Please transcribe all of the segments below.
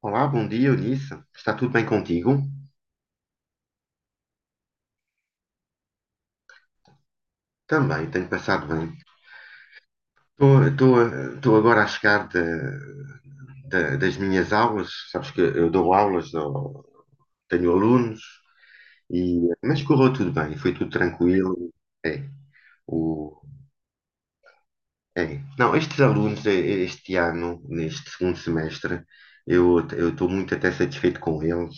Olá, bom dia, Eunice. Está tudo bem contigo? Também, tenho passado bem. Estou agora a chegar das minhas aulas. Sabes que eu dou aulas, tenho alunos, e, mas correu tudo bem, foi tudo tranquilo. É, o, é. Não, estes alunos, este ano, neste segundo semestre, eu estou muito até satisfeito com eles.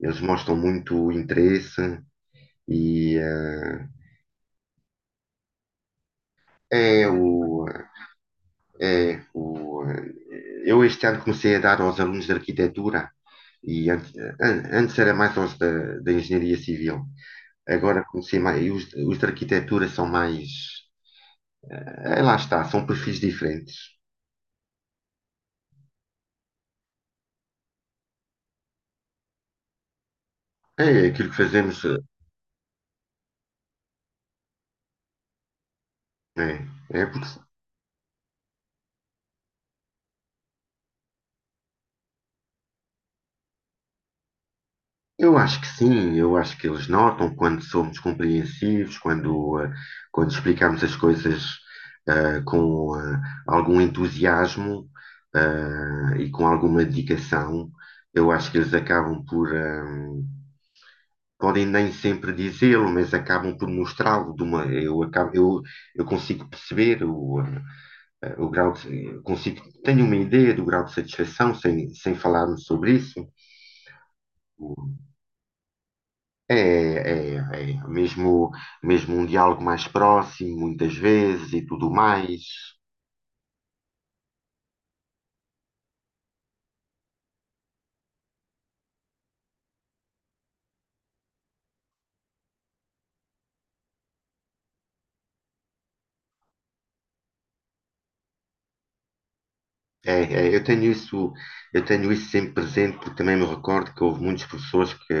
Eles mostram muito interesse e é o, eu este ano comecei a dar aos alunos de arquitetura e antes, antes era mais aos da, da engenharia civil. Agora comecei mais, e os de arquitetura são mais, lá está, são perfis diferentes. É aquilo que fazemos, é porque eu acho que sim, eu acho que eles notam quando somos compreensivos, quando, quando explicamos as coisas eh, com eh, algum entusiasmo e com alguma dedicação. Eu acho que eles acabam podem nem sempre dizê-lo, mas acabam por mostrá-lo de uma, eu, acabo, eu consigo perceber o grau de, eu consigo, tenho uma ideia do grau de satisfação sem, sem falarmos sobre isso. É, é, é. Mesmo, mesmo um diálogo mais próximo, muitas vezes e tudo mais. É, é, eu tenho isso sempre presente, porque também me recordo que houve muitos professores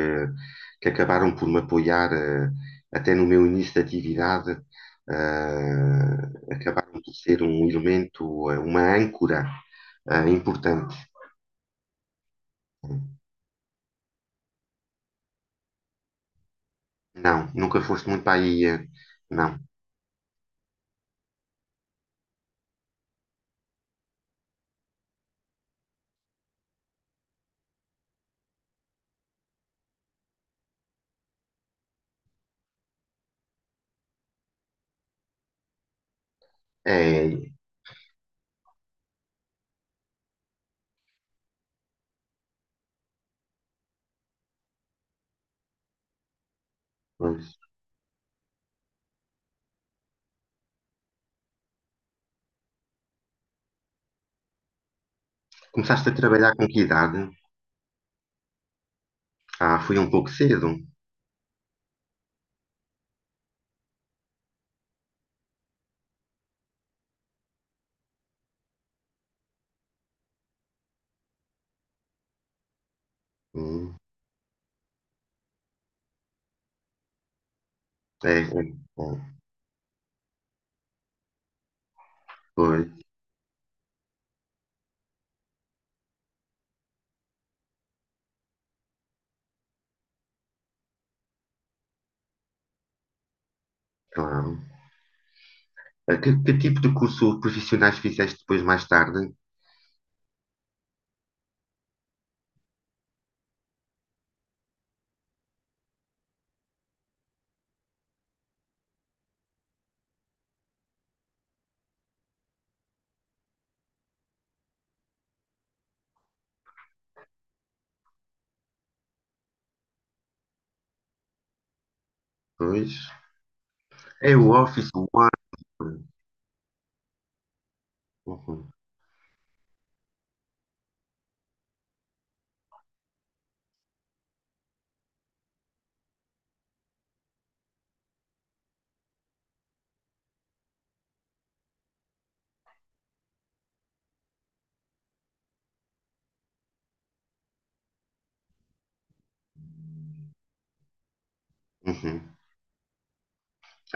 que acabaram por me apoiar, até no meu início de atividade, acabaram por ser um elemento, uma âncora, importante. Não, nunca foste muito para aí, não. É, pois. Começaste a trabalhar com que idade? Ah, fui um pouco cedo. Hum, é, é, é, pois, claro. Que que, tipo de curso profissionais fizeste depois mais tarde? Pois. É o Office, o Word. Uhum, uhum.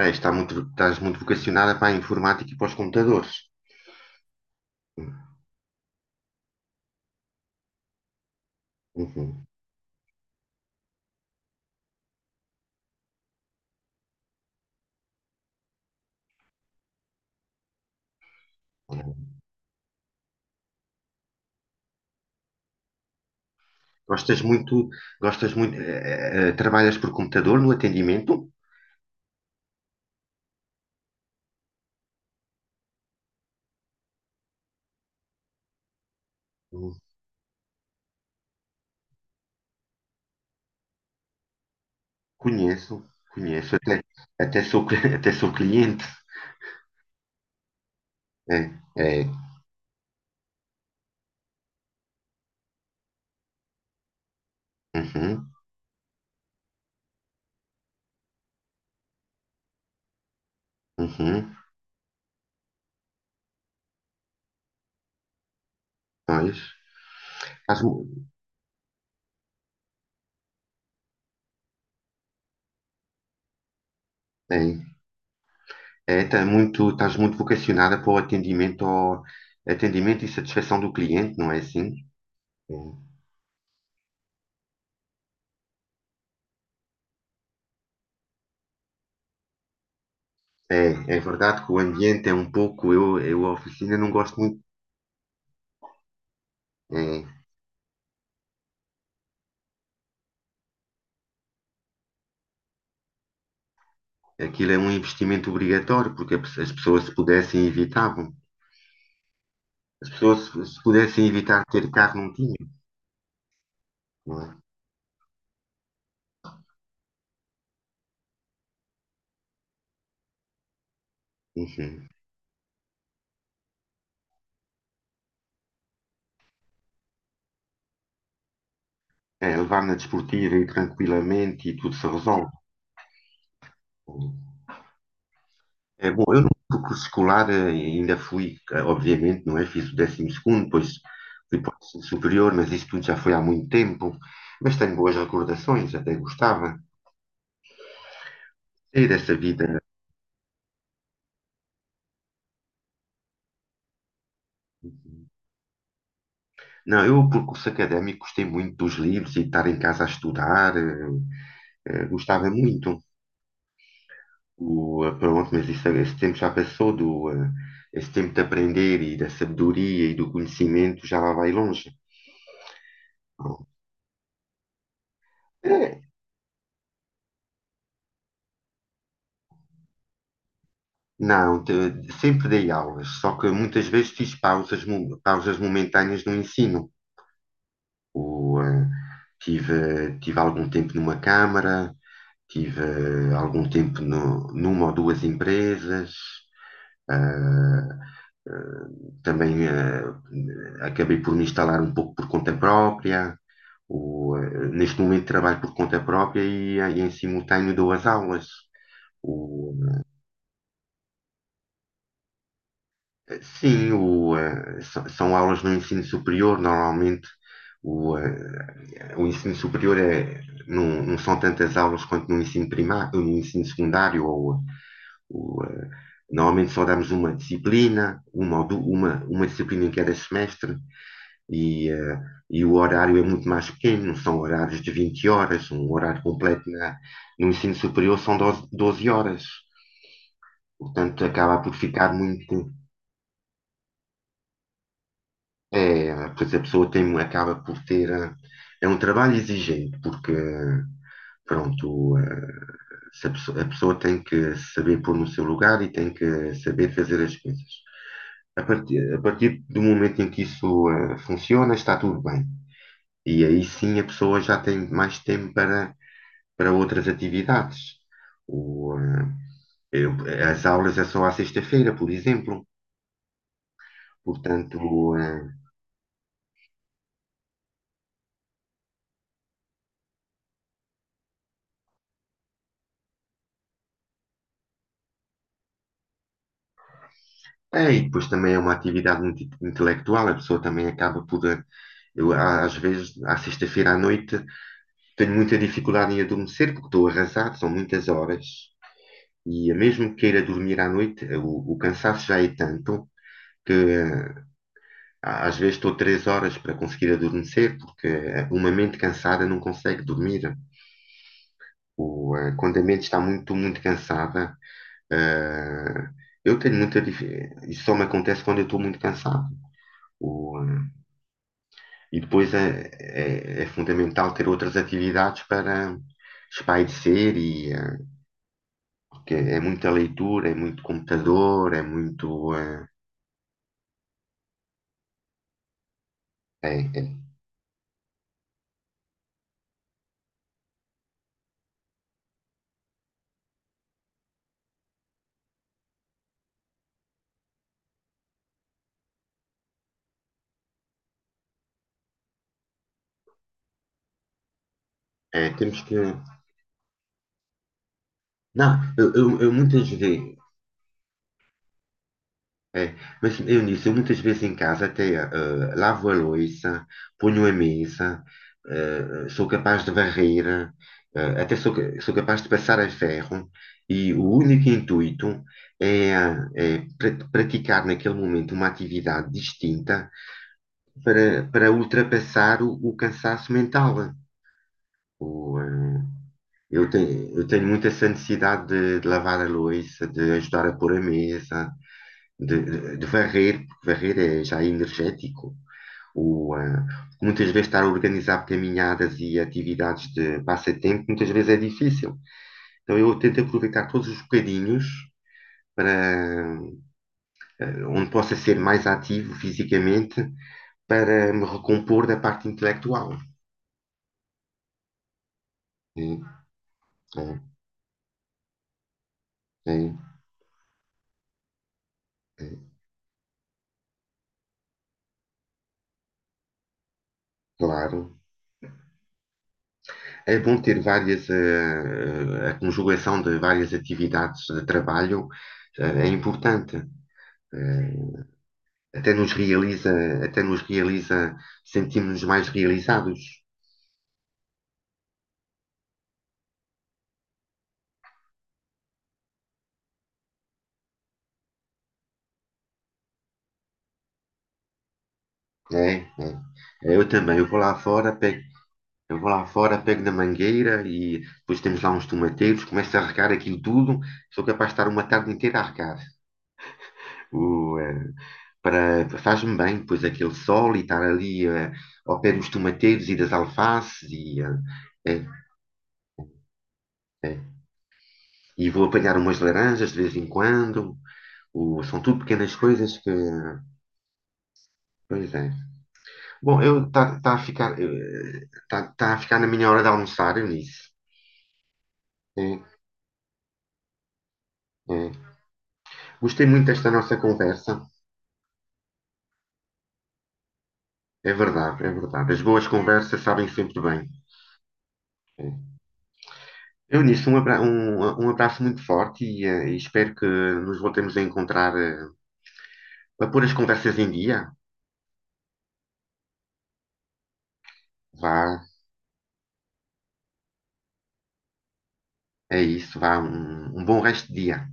É, está muito, estás muito vocacionada para a informática e para os computadores. Uhum, uhum. Gostas muito, gostas muito, trabalhas por computador no atendimento? Hum, Conheço, conheço, até, até sou cliente. É, é, uhum, uhum, pois. Estás, mu- é, é, estás muito vocacionada para o atendimento, ao, atendimento e satisfação do cliente, não é assim? É, é é verdade que o ambiente é um pouco, eu a oficina não gosto muito. É, aquilo é um investimento obrigatório, porque as pessoas se pudessem evitavam. As pessoas se se pudessem evitar ter carro não tinham, não é? Enfim, é, levar na desportiva e tranquilamente e tudo se resolve. É, bom, eu no curso escolar ainda fui, obviamente, não é? Fiz o décimo segundo, depois fui para o ensino superior, mas isso tudo já foi há muito tempo. Mas tenho boas recordações, até gostava. E dessa vida. Não, eu, por curso académico, gostei muito dos livros e de estar em casa a estudar, gostava muito. Pronto, mas isso, esse tempo já passou, esse tempo de aprender e da sabedoria e do conhecimento já lá vai longe. Pronto. É, não, sempre dei aulas, só que muitas vezes fiz pausas, pausas momentâneas no ensino. O, eh, tive, tive algum tempo numa câmara, tive algum tempo numa ou duas empresas. eh, também eh, acabei por me instalar um pouco por conta própria. Neste momento trabalho por conta própria e em simultâneo dou as aulas. Sim, são, são aulas no ensino superior, normalmente o ensino superior é, não, não são tantas aulas quanto no ensino primário, no ensino secundário, ou, o, eh, normalmente só damos uma disciplina, uma disciplina em cada semestre, e, eh, e o horário é muito mais pequeno, não são horários de 20 horas, um horário completo na, no ensino superior são 12 horas, portanto acaba por ficar muito. É, pois a pessoa tem, acaba por ter. É um trabalho exigente, porque, pronto, eh, se a pessoa, a pessoa tem que saber pôr no seu lugar e tem que saber fazer as coisas. A partir do momento em que funciona, está tudo bem. E aí sim a pessoa já tem mais tempo para, para outras atividades. O, eh, eu- as aulas é só à sexta-feira, por exemplo. Portanto, é, e depois também é uma atividade muito intelectual, a pessoa também acaba por. Eu, às vezes, à sexta-feira à noite, tenho muita dificuldade em adormecer porque estou arrasado, são muitas horas. E mesmo que queira dormir à noite, o cansaço já é tanto que às vezes estou três horas para conseguir adormecer porque uma mente cansada não consegue dormir. Quando a mente está muito, muito cansada, eh, eu tenho muita dificuldade. Isso só me acontece quando eu estou muito cansado. O, e depois é, é, é fundamental ter outras atividades para espairecer e porque é muita leitura, é muito computador, é muito é, é, é, temos que não, eu muitas vezes é, mas Eunice, eu muitas vezes em casa até lavo a louça, ponho a mesa, sou capaz de varrer, sou capaz de passar a ferro e o único intuito é, praticar naquele momento uma atividade distinta para, para ultrapassar o cansaço mental. O, eh, eu tenho muito essa necessidade de lavar a louça, de ajudar a pôr a mesa, varrer, porque varrer é já é energético. O, ah, muitas vezes estar a organizar caminhadas e atividades de passatempo, muitas vezes é difícil. Então eu tento aproveitar todos os bocadinhos para ah, onde possa ser mais ativo fisicamente para me recompor da parte intelectual. É, é, é, é, claro. É bom ter várias, a conjugação de várias atividades de trabalho, é importante. Eh, até nos realiza, até nos realiza, sentimos-nos mais realizados. É, é. É, eu também, eu vou lá fora, pego, eu vou lá fora, pego na mangueira e depois temos lá uns tomateiros, começo a regar aquilo tudo, sou capaz de estar uma tarde inteira a regar. O, eh, para, faz-me bem, pois aquele sol e estar ali ao pé dos tomateiros e das alfaces eh, eh, e vou apanhar umas laranjas de vez em quando. O, são tudo pequenas coisas que. Pois é. Bom, eu tá, tá a ficar, eh, tá, tá a ficar na minha hora de almoçar, Eunice. É, é. Gostei muito desta nossa conversa. É verdade, é verdade. As boas conversas sabem sempre bem. É. Eunice, um abraço muito forte e espero que nos voltemos a encontrar, para pôr as conversas em dia. Vá, é isso, vá, um um bom resto de dia.